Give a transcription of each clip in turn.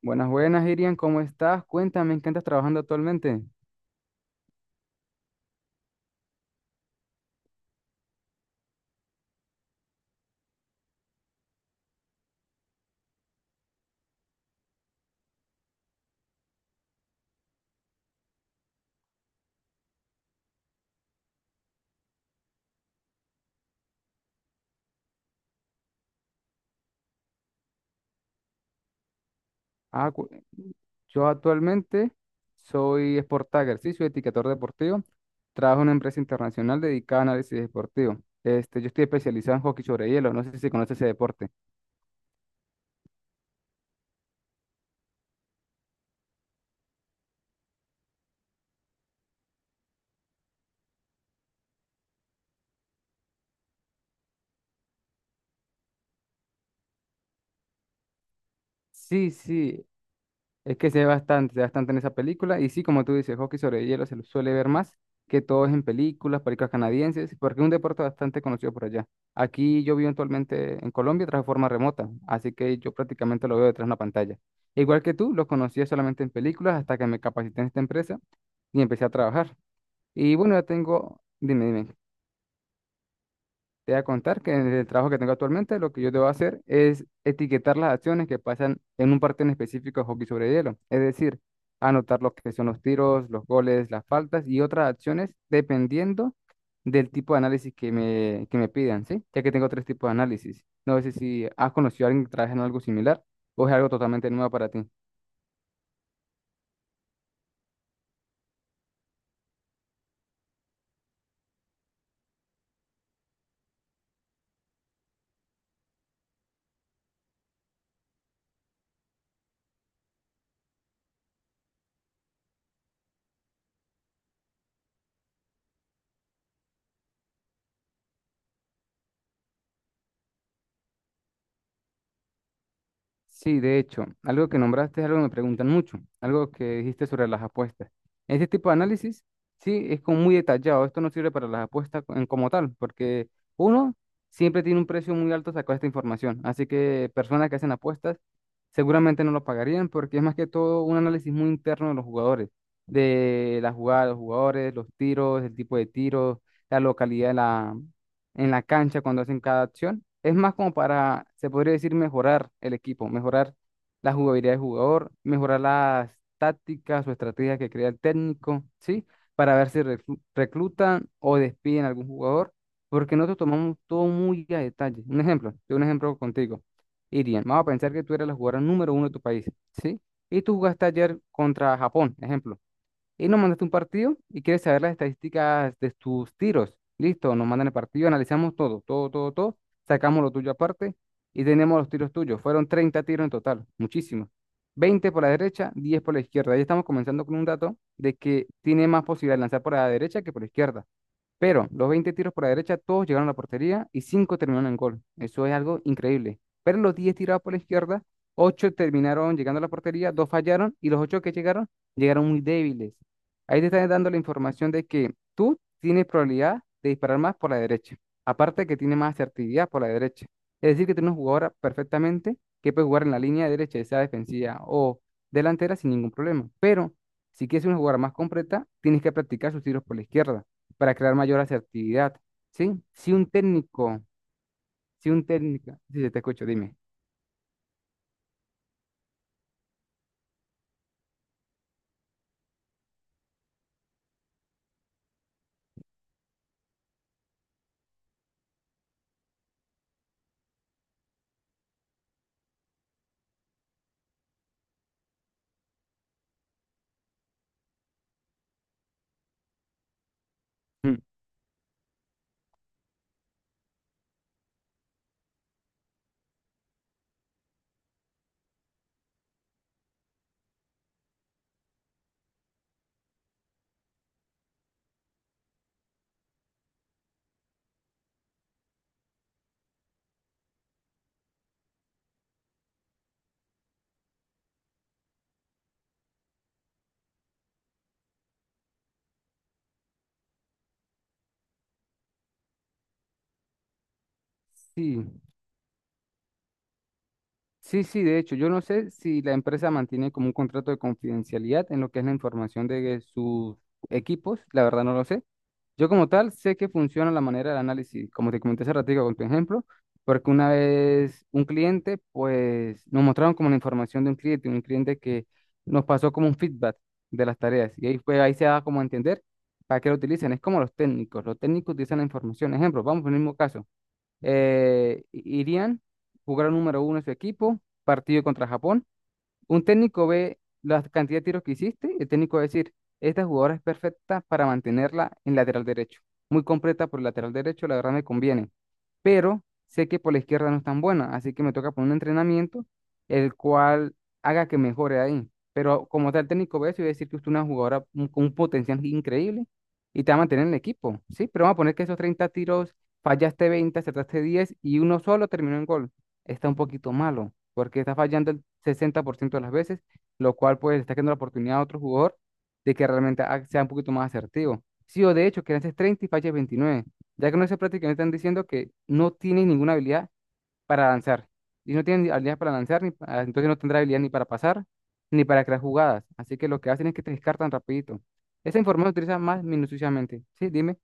Buenas, buenas, Irian, ¿cómo estás? Cuéntame, ¿en qué estás trabajando actualmente? Ah, cu- yo actualmente soy Sport Tagger, sí, soy etiquetador deportivo. Trabajo en una empresa internacional dedicada a análisis deportivo. Este, yo estoy especializado en hockey sobre hielo, no sé si conoces ese deporte. Sí, sí. Es que se ve bastante en esa película. Y sí, como tú dices, hockey sobre hielo se lo suele ver más que todo es en películas, películas canadienses, porque es un deporte bastante conocido por allá. Aquí yo vivo actualmente en Colombia tras forma remota, así que yo prácticamente lo veo detrás de una pantalla. Igual que tú, lo conocía solamente en películas hasta que me capacité en esta empresa y empecé a trabajar. Y bueno, ya tengo, dime, dime. Te voy a contar que en el trabajo que tengo actualmente, lo que yo debo hacer es etiquetar las acciones que pasan en un partido en específico de hockey sobre hielo. Es decir, anotar lo que son los tiros, los goles, las faltas y otras acciones dependiendo del tipo de análisis que me pidan, ¿sí? Ya que tengo tres tipos de análisis. No sé si has conocido a alguien que trabaja en algo similar o es algo totalmente nuevo para ti. Sí, de hecho, algo que nombraste es algo que me preguntan mucho, algo que dijiste sobre las apuestas. Este tipo de análisis, sí, es como muy detallado. Esto no sirve para las apuestas en como tal, porque uno siempre tiene un precio muy alto sacar esta información. Así que personas que hacen apuestas seguramente no lo pagarían porque es más que todo un análisis muy interno de los jugadores, de la jugada de los jugadores, los tiros, el tipo de tiros, la localidad en la cancha cuando hacen cada acción. Es más como para, se podría decir, mejorar el equipo, mejorar la jugabilidad del jugador, mejorar las tácticas o estrategias que crea el técnico, ¿sí? Para ver si reclutan o despiden a algún jugador, porque nosotros tomamos todo muy a detalle. Un ejemplo, yo un ejemplo contigo. Irian, vamos a pensar que tú eres la jugadora número uno de tu país, ¿sí? Y tú jugaste ayer contra Japón, ejemplo. Y nos mandaste un partido y quieres saber las estadísticas de tus tiros. Listo, nos mandan el partido, analizamos todo, todo, todo, todo. Sacamos lo tuyo aparte y tenemos los tiros tuyos. Fueron 30 tiros en total, muchísimos. 20 por la derecha, 10 por la izquierda. Ahí estamos comenzando con un dato de que tiene más posibilidad de lanzar por la derecha que por la izquierda. Pero los 20 tiros por la derecha, todos llegaron a la portería y 5 terminaron en gol. Eso es algo increíble. Pero los 10 tirados por la izquierda, 8 terminaron llegando a la portería, 2 fallaron y los 8 que llegaron, llegaron muy débiles. Ahí te están dando la información de que tú tienes probabilidad de disparar más por la derecha. Aparte que tiene más asertividad por la derecha. Es decir, que tiene una jugadora perfectamente que puede jugar en la línea derecha, ya sea defensiva o delantera sin ningún problema. Pero si quieres una jugadora más completa, tienes que practicar sus tiros por la izquierda para crear mayor asertividad, ¿sí? Si un técnico, si un técnico, sí, sí, te escucho, dime. Mm. Sí. Sí, sí, de hecho, yo no sé si la empresa mantiene como un contrato de confidencialidad en lo que es la información de sus equipos, la verdad no lo sé. Yo como tal sé que funciona la manera del análisis, como te comenté hace ratito con tu ejemplo, porque una vez un cliente, pues nos mostraron como la información de un cliente que nos pasó como un feedback de las tareas y ahí fue, ahí se da como a entender para qué lo utilizan. Es como los técnicos utilizan la información. Ejemplo, vamos por el mismo caso, Irían, jugar número uno en su equipo, partido contra Japón. Un técnico ve la cantidad de tiros que hiciste y el técnico va a decir, esta jugadora es perfecta para mantenerla en lateral derecho. Muy completa por el lateral derecho, la verdad me conviene. Pero sé que por la izquierda no es tan buena, así que me toca poner un entrenamiento el cual haga que mejore ahí. Pero como tal, el técnico ve eso y va a decir que usted es una jugadora con un potencial increíble y te va a mantener en el equipo, ¿sí? Pero vamos a poner que esos 30 tiros fallaste 20, acertaste 10 y uno solo terminó en gol, está un poquito malo, porque está fallando el 60% de las veces, lo cual pues está dando la oportunidad a otro jugador de que realmente sea un poquito más asertivo. Sí, o de hecho, que lances 30 y falles 29, ya que no se prácticamente están diciendo que no tiene ninguna habilidad para lanzar. Y no tiene ni habilidad para lanzar, ni pa- entonces no tendrá habilidad ni para pasar, ni para crear jugadas. Así que lo que hacen es que te descartan rapidito. Esa información se utiliza más minuciosamente. Sí, dime.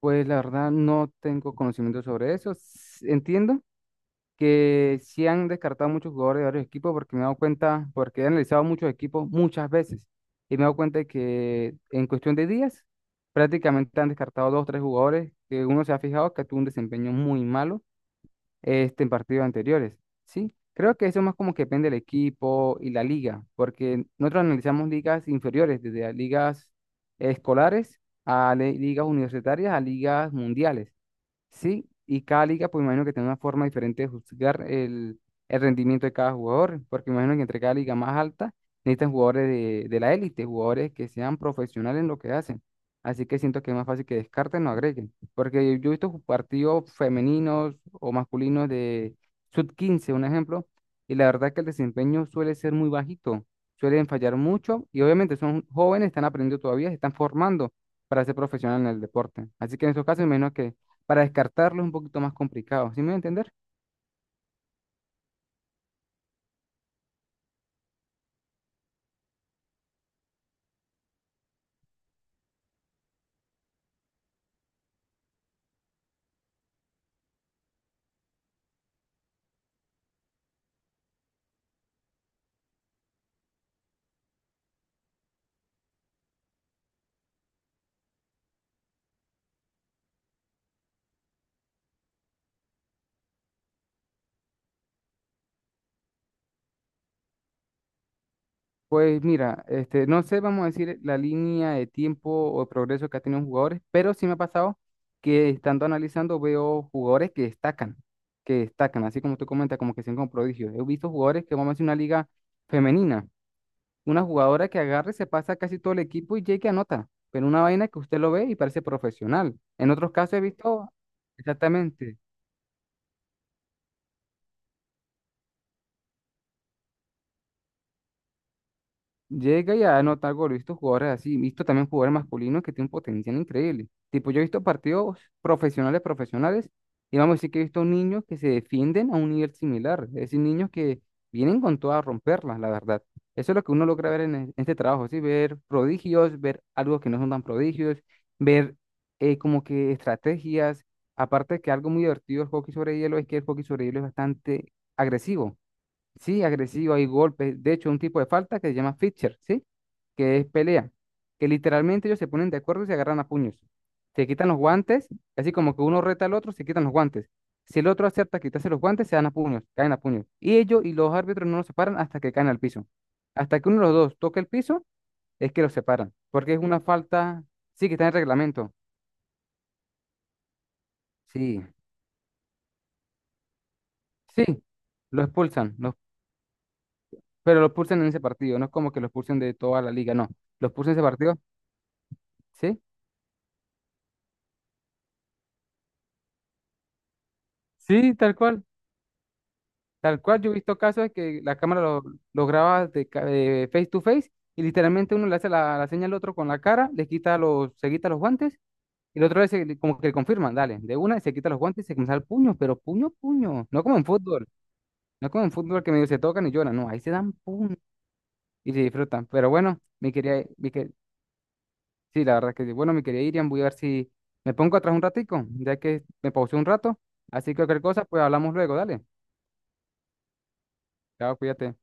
Pues la verdad no tengo conocimiento sobre eso. Entiendo que sí han descartado muchos jugadores de varios equipos porque me he dado cuenta, porque he analizado muchos equipos muchas veces y me he dado cuenta de que en cuestión de días prácticamente han descartado dos o tres jugadores que uno se ha fijado que tuvo un desempeño muy malo, este, en partidos anteriores, ¿sí? Creo que eso más como que depende del equipo y la liga, porque nosotros analizamos ligas inferiores, desde las ligas escolares a ligas universitarias a ligas mundiales. Sí, y cada liga, pues imagino que tiene una forma diferente de juzgar el rendimiento de cada jugador, porque imagino que entre cada liga más alta necesitan jugadores de la élite, jugadores que sean profesionales en lo que hacen. Así que siento que es más fácil que descarten o agreguen, porque yo he visto partidos femeninos o masculinos de sub 15, un ejemplo, y la verdad que el desempeño suele ser muy bajito, suelen fallar mucho y obviamente son jóvenes, están aprendiendo todavía, se están formando para ser profesionales en el deporte. Así que en esos casos, menos para descartarlo es un poquito más complicado, ¿sí me voy a entender? Pues mira, este, no sé, vamos a decir la línea de tiempo o de progreso que ha tenido jugadores, pero sí me ha pasado que estando analizando veo jugadores que destacan, así como tú comentas, como que son como prodigios. He visto jugadores que vamos a decir una liga femenina, una jugadora que agarre, se pasa casi todo el equipo y llega y anota, pero una vaina que usted lo ve y parece profesional. En otros casos he visto, exactamente. Llega y anota gol. He visto jugadores así, he visto también jugadores masculinos que tienen un potencial increíble. Tipo, yo he visto partidos profesionales, profesionales, y vamos a decir que he visto niños que se defienden a un nivel similar. Es decir, niños que vienen con toda a romperlas, la verdad. Eso es lo que uno logra ver en este trabajo, ¿sí? Ver prodigios, ver algo que no son tan prodigios, ver como que estrategias. Aparte de que algo muy divertido del hockey sobre hielo es que el hockey sobre hielo es bastante agresivo. Sí, agresivo, hay golpes. De hecho, un tipo de falta que se llama feature, ¿sí? Que es pelea. Que literalmente ellos se ponen de acuerdo y se agarran a puños. Se quitan los guantes, así como que uno reta al otro, se quitan los guantes. Si el otro acepta quitarse los guantes, se dan a puños, caen a puños. Y ellos y los árbitros no los separan hasta que caen al piso. Hasta que uno de los dos toque el piso, es que los separan. Porque es una falta, sí, que está en el reglamento. Sí, sí, lo expulsan, pero lo expulsan en ese partido. No es como que lo expulsen de toda la liga, no. Lo expulsan en ese partido. ¿Sí? Sí, tal cual, tal cual. Yo he visto casos de que la cámara lo graba de, de face to face y literalmente uno le hace la señal al otro con la cara, se quita los guantes y el otro como que le confirman, dale, de una se quita los guantes y se comienza el puño, pero puño, puño. No como en fútbol que medio se tocan y lloran, no, ahí se dan puño y se disfrutan. Pero bueno, mi quería, mi que, sí, la verdad que sí. Bueno, mi querida Irian, voy a ver si me pongo atrás un ratico, ya que me pausé un rato. Así que cualquier cosa, pues hablamos luego, dale. Chao, cuídate.